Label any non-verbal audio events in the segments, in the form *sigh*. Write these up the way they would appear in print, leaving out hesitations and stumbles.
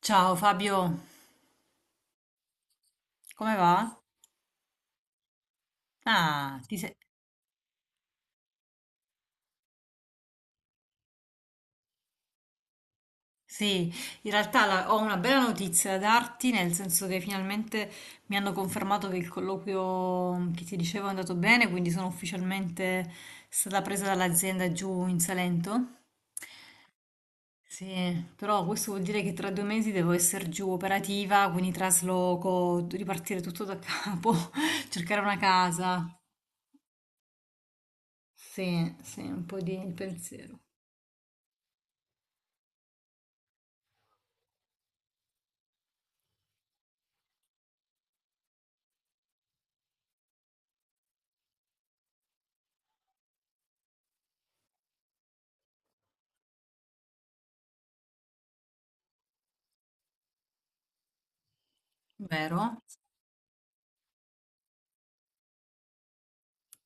Ciao Fabio, come va? Ah, ti sei- sì, in realtà ho una bella notizia da darti, nel senso che finalmente mi hanno confermato che il colloquio che ti dicevo è andato bene, quindi sono ufficialmente stata presa dall'azienda giù in Salento. Sì, però questo vuol dire che tra due mesi devo essere giù operativa, quindi trasloco, ripartire tutto da capo, *laughs* cercare una casa. Sì, sì, un po' di pensiero. Vero?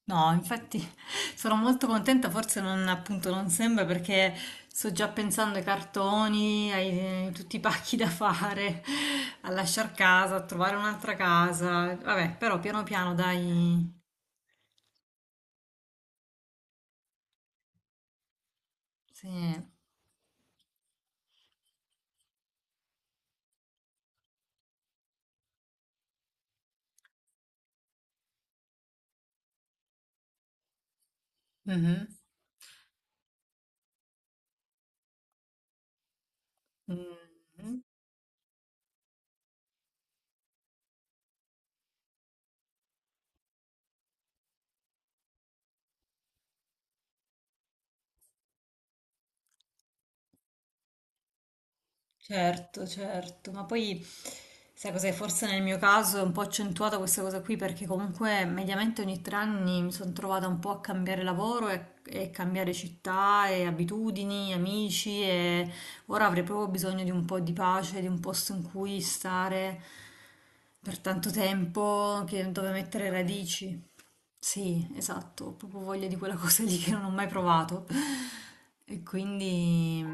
No, infatti *laughs* sono molto contenta, forse non, appunto non sembra perché sto già pensando ai cartoni, ai tutti i pacchi da fare, a lasciar casa, a trovare un'altra casa. Vabbè, però piano piano dai. Sì. Mhm. Mhm. Certo, certo, ma poi sai cos'è? Forse nel mio caso è un po' accentuata questa cosa qui perché comunque mediamente ogni tre anni mi sono trovata un po' a cambiare lavoro e cambiare città e abitudini, amici e ora avrei proprio bisogno di un po' di pace, di un posto in cui stare per tanto tempo, dove mettere radici. Sì, esatto, ho proprio voglia di quella *laughs* cosa lì che non ho mai provato. *laughs* E quindi...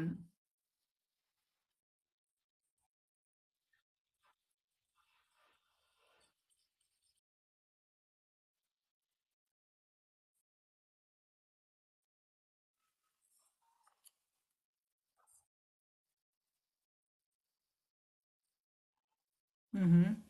mhm.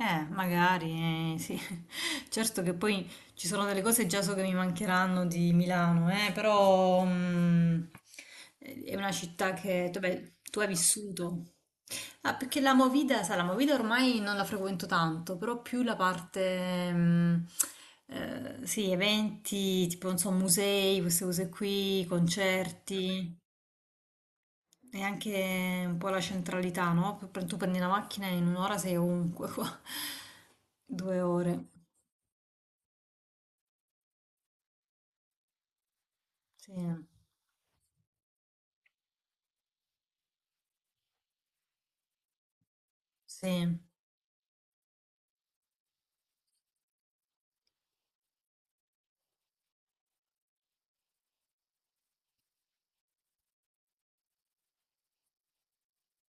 Magari, sì. *laughs* Certo che poi ci sono delle cose già so che mi mancheranno di Milano, però è una città che, vabbè, tu hai vissuto. Ah, perché la Movida, sai, la Movida ormai non la frequento tanto, però più la parte, sì, eventi, tipo, non so, musei, queste cose qui, concerti. E anche un po' la centralità, no? Tu prendi la macchina e in un'ora sei ovunque qua. *laughs* Due ore. Sì, sì,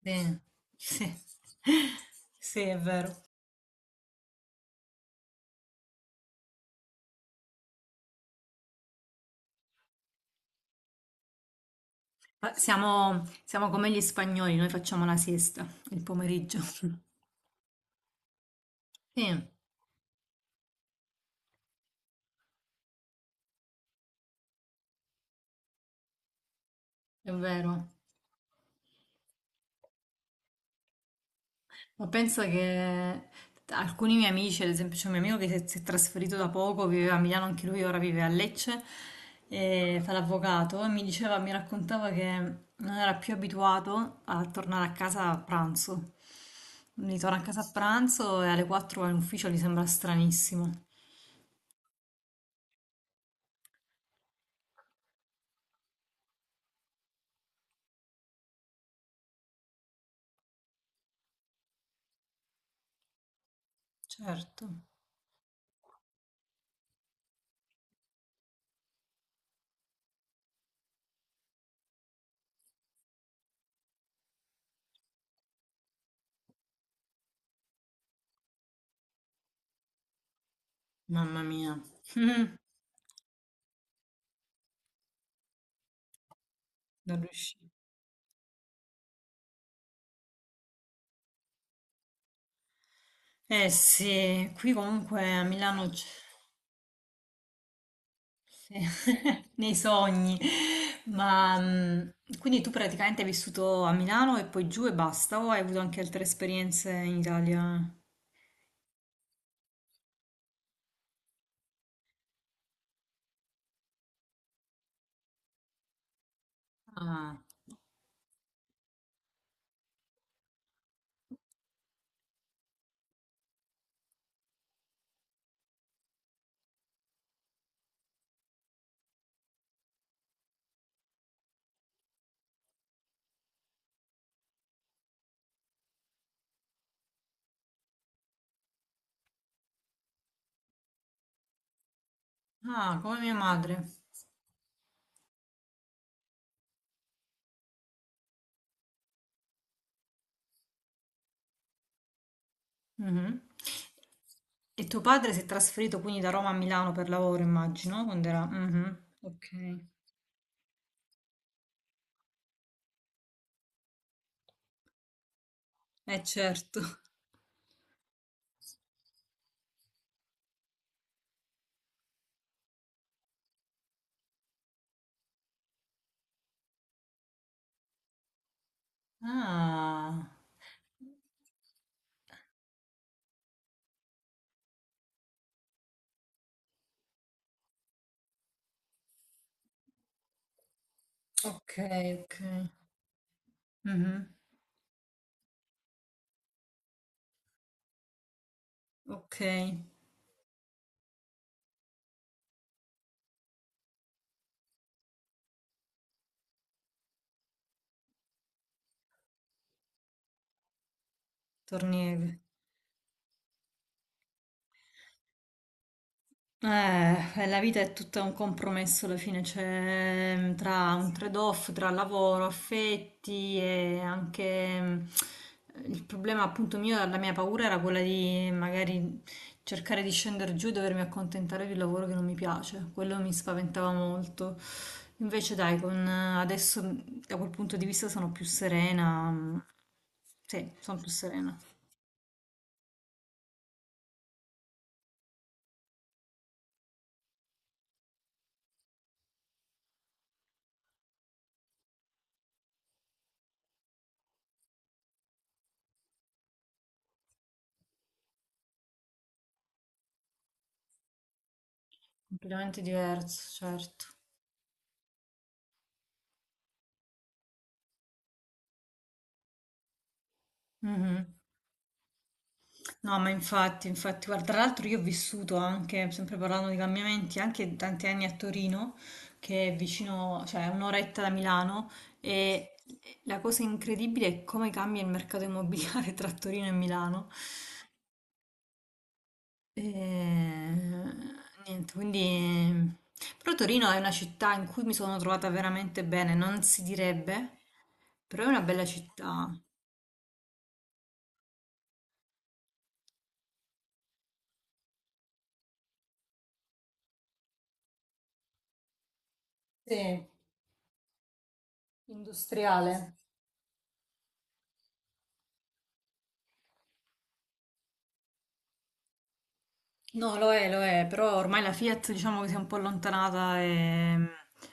sì, sì. *laughs* Sì, è vero. Ma siamo come gli spagnoli, noi facciamo la siesta il pomeriggio. *laughs* Sì, è vero. Ma penso che alcuni miei amici, ad esempio c'è un mio amico che si è trasferito da poco, viveva a Milano anche lui, ora vive a Lecce, e fa l'avvocato, e mi diceva, mi raccontava che non era più abituato a tornare a casa a pranzo. Quindi torna a casa a pranzo e alle 4 va in ufficio, gli sembra stranissimo. Certo, mamma mia. *laughs* Non riuscivo. Eh sì, qui comunque a Milano c'è. Sì, *laughs* nei sogni, ma mm, quindi tu praticamente hai vissuto a Milano e poi giù e basta, o hai avuto anche altre esperienze in Italia? Ah, ah, come mia madre. Mhm. E tuo padre si è trasferito quindi da Roma a Milano per lavoro, immagino, quando era... Mhm, ok, eh certo. Ah, ok, ok. Mhm, ok, tornieri. La vita è tutta un compromesso alla fine, tra un trade-off tra lavoro, affetti e il problema appunto mio, la mia paura era quella di magari cercare di scendere giù e dovermi accontentare di un lavoro che non mi piace, quello mi spaventava molto. Invece dai, con adesso da quel punto di vista sono più serena, mm, sì, sono più serena, completamente diverso, certo. Mhm. No, ma infatti, infatti, guarda, tra l'altro io ho vissuto anche, sempre parlando di cambiamenti, anche tanti anni a Torino, che è vicino, cioè è un'oretta da Milano, e la cosa incredibile è come cambia il mercato immobiliare *laughs* tra Torino e Milano. E... Niente, quindi... Però Torino è una città in cui mi sono trovata veramente bene, non si direbbe, però è una bella città. Sì, industriale. No, lo è, però ormai la Fiat diciamo che si è un po' allontanata e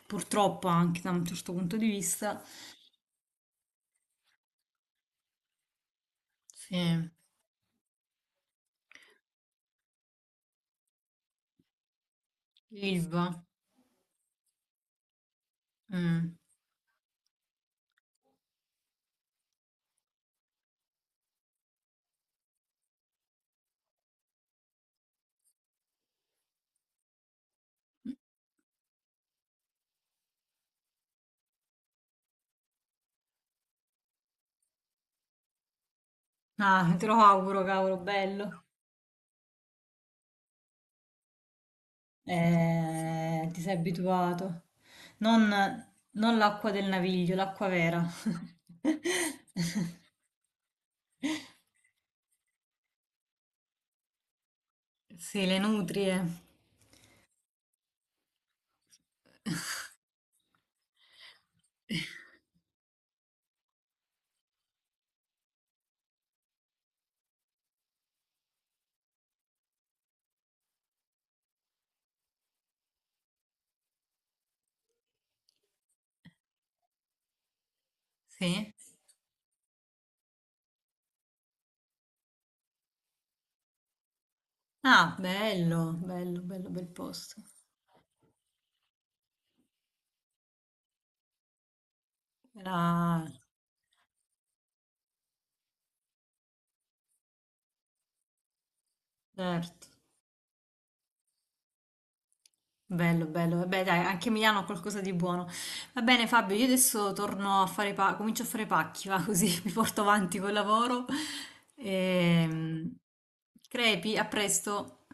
purtroppo anche da un certo punto di vista. Sì, Ilva. Mm. Ah, te lo auguro, cavolo, bello. Ti sei abituato. Non, non l'acqua del naviglio, l'acqua vera. *laughs* Sì, le nutrie. Sì. Ah, bello, bello, bello, bel posto. Era... Certo. Bello, bello. Vabbè, dai, anche Milano ha qualcosa di buono. Va bene, Fabio, io adesso torno a fare comincio a fare pacchi, va così *laughs* mi porto avanti col lavoro. Ehm, crepi, a presto.